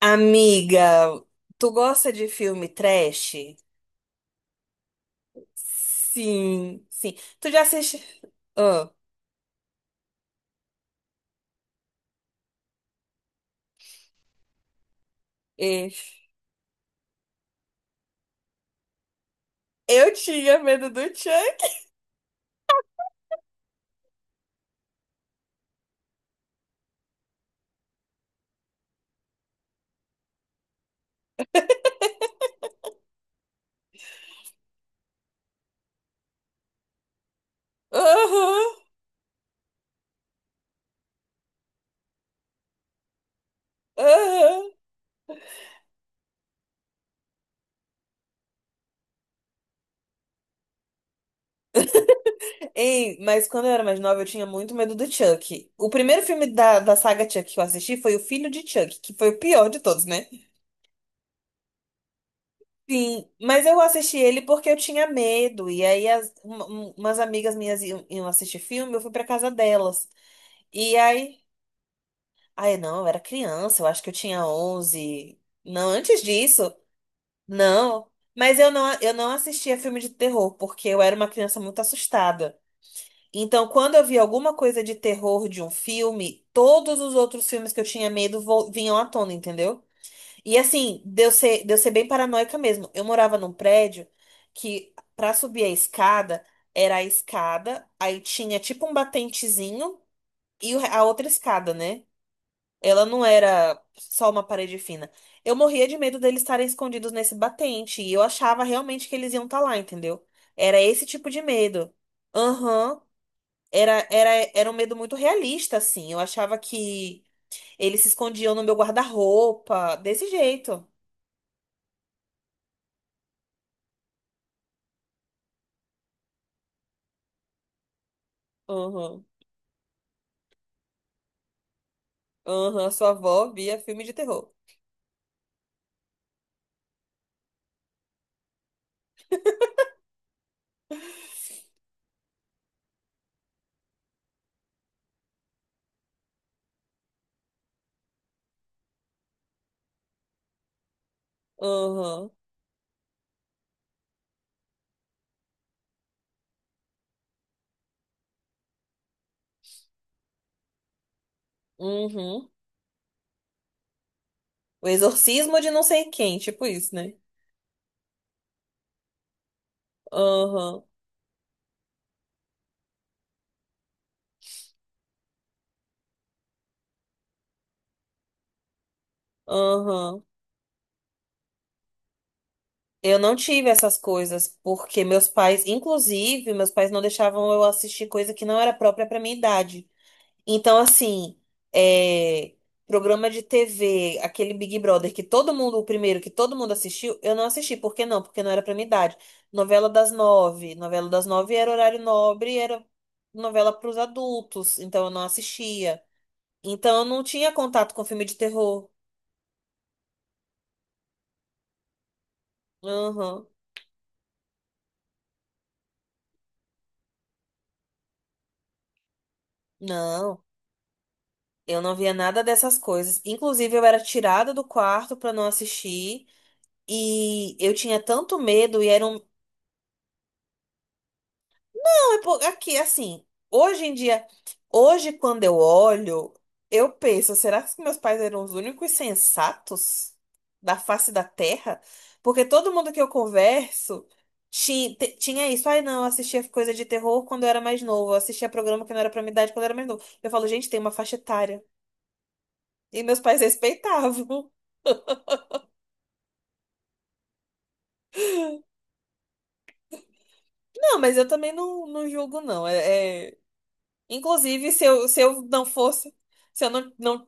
Amiga, tu gosta de filme trash? Sim, sim. Tu já assiste? Ah, e- eu tinha medo do Chuck. Aham, aham. Ei, mas quando eu era mais nova, eu tinha muito medo do Chuck. O primeiro filme da saga Chuck que eu assisti foi O Filho de Chuck, que foi o pior de todos, né? Sim, mas eu assisti ele porque eu tinha medo. E aí, umas amigas minhas iam assistir filme, eu fui pra casa delas. E aí. Ai, não, eu era criança, eu acho que eu tinha 11. Não, antes disso, não. Mas eu não assistia filme de terror, porque eu era uma criança muito assustada. Então, quando eu via alguma coisa de terror de um filme, todos os outros filmes que eu tinha medo vinham à tona, entendeu? E assim, deu ser bem paranoica mesmo. Eu morava num prédio que, pra subir a escada, era a escada, aí tinha tipo um batentezinho e a outra escada, né? Ela não era só uma parede fina. Eu morria de medo deles estarem escondidos nesse batente. E eu achava realmente que eles iam estar lá, entendeu? Era esse tipo de medo. Aham. Era um medo muito realista, assim. Eu achava que eles se escondiam no meu guarda-roupa. Desse jeito. Aham. Aham. Sua avó via filme de terror. Aham. Uhum. O exorcismo de não sei quem. Tipo isso, né? Aham. Aham. Eu não tive essas coisas, porque meus pais, inclusive, meus pais não deixavam eu assistir coisa que não era própria para minha idade. Então, assim, é, programa de TV, aquele Big Brother que todo mundo, o primeiro que todo mundo assistiu, eu não assisti. Por que não? Porque não era pra minha idade. Novela das nove. Novela das nove era horário nobre, era novela pros adultos, então eu não assistia. Então, eu não tinha contato com filme de terror. Aham. Não. Eu não via nada dessas coisas. Inclusive, eu era tirada do quarto pra não assistir. E eu tinha tanto medo e era um. Não, aqui, assim. Hoje em dia, hoje quando eu olho, eu penso, será que meus pais eram os únicos sensatos da face da Terra? Porque todo mundo que eu converso tinha isso. Ai, não, eu assistia coisa de terror quando eu era mais novo. Eu assistia programa que não era pra minha idade quando eu era mais novo. Eu falo, gente, tem uma faixa etária. E meus pais respeitavam. Não, mas eu também não julgo, não. Inclusive, se eu não fosse. Se eu não. Não...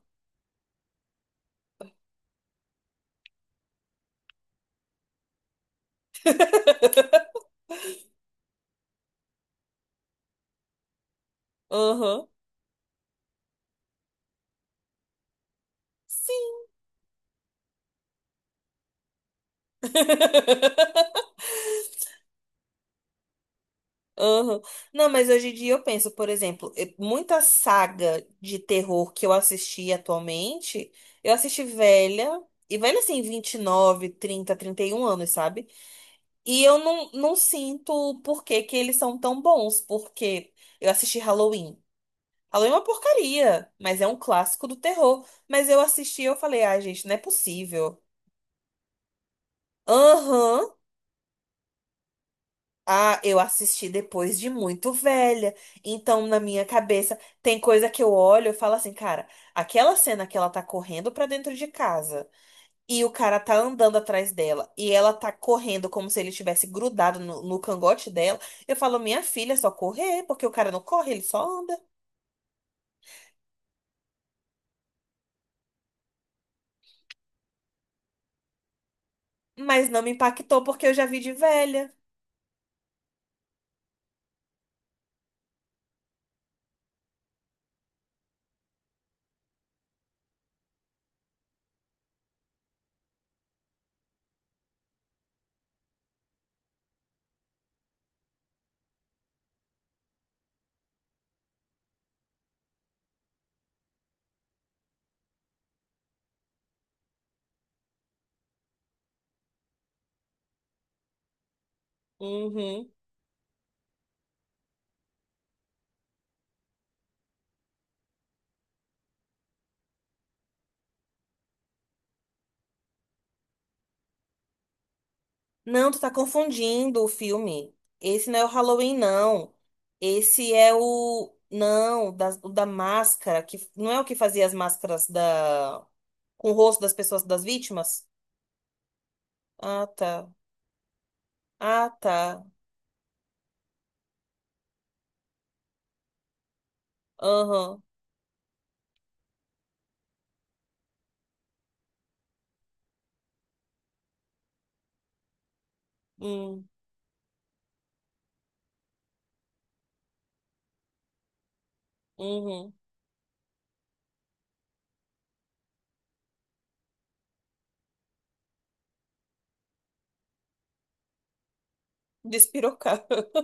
Aham. Sim. Aham. Não, mas hoje em dia eu penso, por exemplo, muita saga de terror que eu assisti atualmente, eu assisti velha, e velha assim, 29, 30, 31 anos, sabe? E eu não sinto por que que eles são tão bons, porque eu assisti Halloween. Halloween é uma porcaria, mas é um clássico do terror. Mas eu assisti e eu falei, ah, gente, não é possível. Aham. Ah, eu assisti depois de muito velha. Então, na minha cabeça, tem coisa que eu olho e falo assim, cara, aquela cena que ela tá correndo pra dentro de casa e o cara tá andando atrás dela e ela tá correndo como se ele tivesse grudado no cangote dela, eu falo, minha filha, é só correr, porque o cara não corre, ele só anda. Mas não me impactou porque eu já vi de velha. Uhum. Não, tu tá confundindo o filme. Esse não é o Halloween, não. Esse é o. Não, o da máscara, que não é o que fazia as máscaras da... com o rosto das pessoas, das vítimas? Ah, tá. Ah, tá. Aham. Hum, uhum. Despirocar.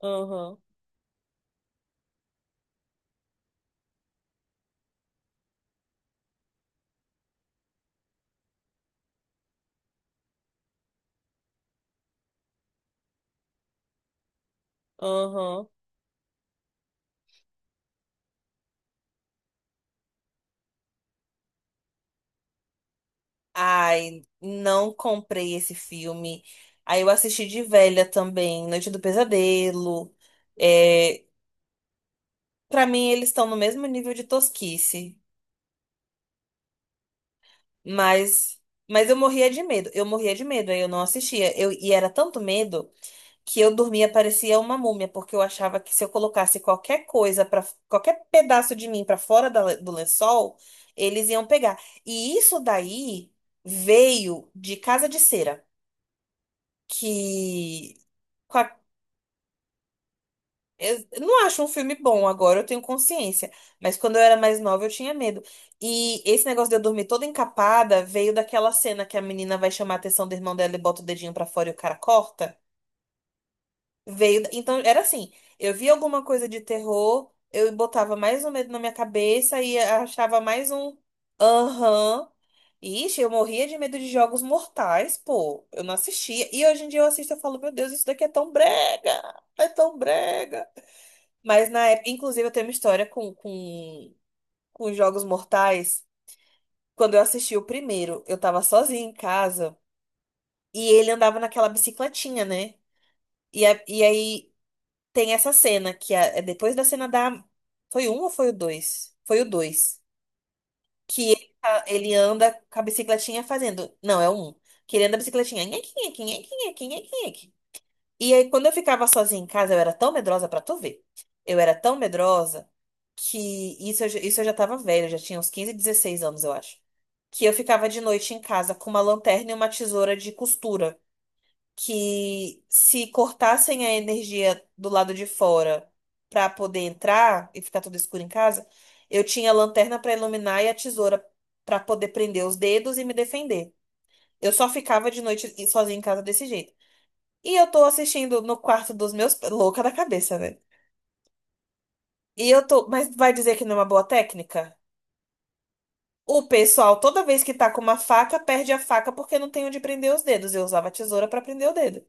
Aham. Aham. Ai, não comprei esse filme. Aí eu assisti de velha também, Noite do Pesadelo. É, pra mim, eles estão no mesmo nível de tosquice, mas mas eu morria de medo. Eu morria de medo, aí eu não assistia. Eu e era tanto medo que eu dormia parecia uma múmia, porque eu achava que se eu colocasse qualquer coisa para qualquer pedaço de mim pra fora do lençol, eles iam pegar. E isso daí veio de Casa de Cera, que com a... Eu não acho um filme bom agora, eu tenho consciência. Mas quando eu era mais nova, eu tinha medo. E esse negócio de eu dormir toda encapada veio daquela cena que a menina vai chamar a atenção do irmão dela e bota o dedinho pra fora e o cara corta. Veio. Então, era assim: eu via alguma coisa de terror, eu botava mais um medo na minha cabeça e achava mais um aham. Ixi, eu morria de medo de jogos mortais, pô. Eu não assistia. E hoje em dia eu assisto e falo: meu Deus, isso daqui é tão brega! É tão brega! Mas na época, inclusive, eu tenho uma história com os Jogos Mortais. Quando eu assisti o primeiro, eu tava sozinha em casa e ele andava naquela bicicletinha, né? E aí tem essa cena é depois da cena da. Foi um ou foi o dois? Foi o dois. Que ele, ele anda com a bicicletinha fazendo. Não, é o um. Que ele anda a bicicletinha. Nhequinha, nhequinha, nhequinha, nhequinha, nhequinha. E aí, quando eu ficava sozinha em casa, eu era tão medrosa pra tu ver. Eu era tão medrosa que isso eu, isso eu já tava velha, eu já tinha uns 15, 16 anos, eu acho. Que eu ficava de noite em casa com uma lanterna e uma tesoura de costura. Que se cortassem a energia do lado de fora pra poder entrar e ficar tudo escuro em casa, eu tinha a lanterna pra iluminar e a tesoura pra poder prender os dedos e me defender. Eu só ficava de noite sozinha em casa desse jeito. E eu tô assistindo no quarto dos meus. Louca da cabeça, velho. E eu tô. Mas vai dizer que não é uma boa técnica? O pessoal, toda vez que tá com uma faca, perde a faca porque não tem onde prender os dedos. Eu usava a tesoura pra prender o dedo.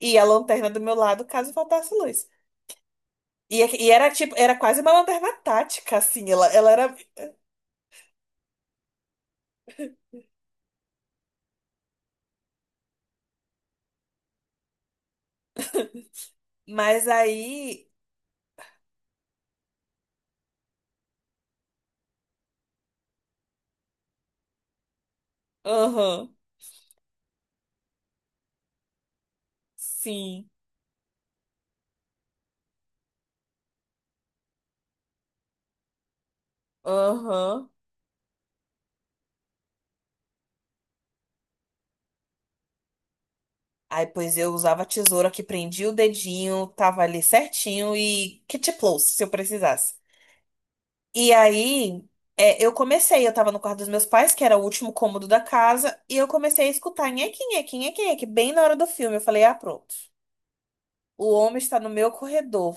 E a lanterna do meu lado, caso faltasse luz. E era tipo, era quase uma lanterna tática, assim. Ela era. Mas aí. Aham. Sim. Aham. Aí, pois eu usava a tesoura que prendia o dedinho, tava ali certinho e kit close, se eu precisasse. E aí, eu comecei, eu tava no quarto dos meus pais, que era o último cômodo da casa, e eu comecei a escutar nheque, nheque, nheque, nheque, bem na hora do filme. Eu falei, ah, pronto. O homem está no meu corredor.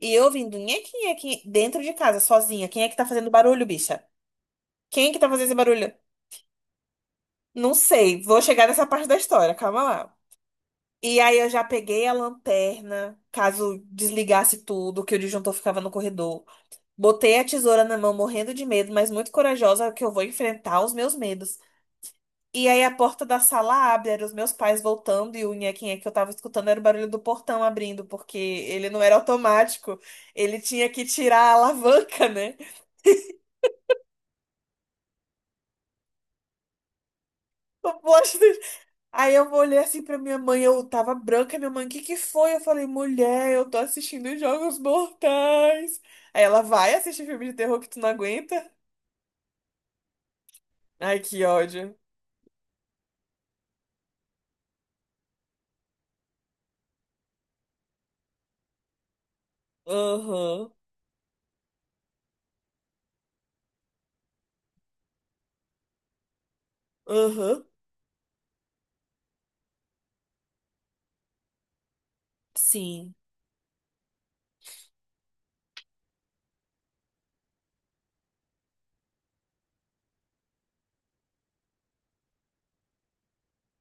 E eu ouvindo nheque, nheque, dentro de casa, sozinha. Quem é que tá fazendo barulho, bicha? Quem é que tá fazendo esse barulho? Não sei, vou chegar nessa parte da história, calma lá. E aí eu já peguei a lanterna, caso desligasse tudo, que o disjuntor ficava no corredor. Botei a tesoura na mão, morrendo de medo, mas muito corajosa que eu vou enfrentar os meus medos. E aí a porta da sala abre, eram os meus pais voltando e o nhequinha que eu tava escutando era o barulho do portão abrindo, porque ele não era automático, ele tinha que tirar a alavanca, né? O plot twist. Aí eu olhei assim pra minha mãe, eu tava branca, minha mãe, o que que foi? Eu falei, mulher, eu tô assistindo Jogos Mortais. Aí ela vai assistir filme de terror que tu não aguenta? Ai, que ódio. Aham, aham, sim.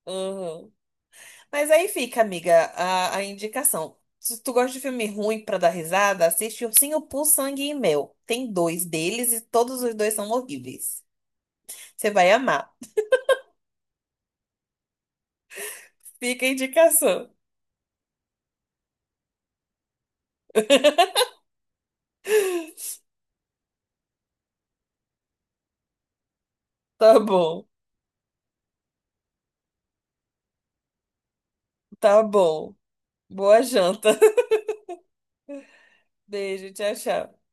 Uhum. Mas aí fica, amiga, a indicação. Se tu gosta de filme ruim pra dar risada, assiste Ursinho Pooh, Sangue e Mel. Tem dois deles e todos os dois são horríveis. Você vai amar. Fica a indicação. Tá bom, tá bom. Boa janta. Beijo, tchau, tchau.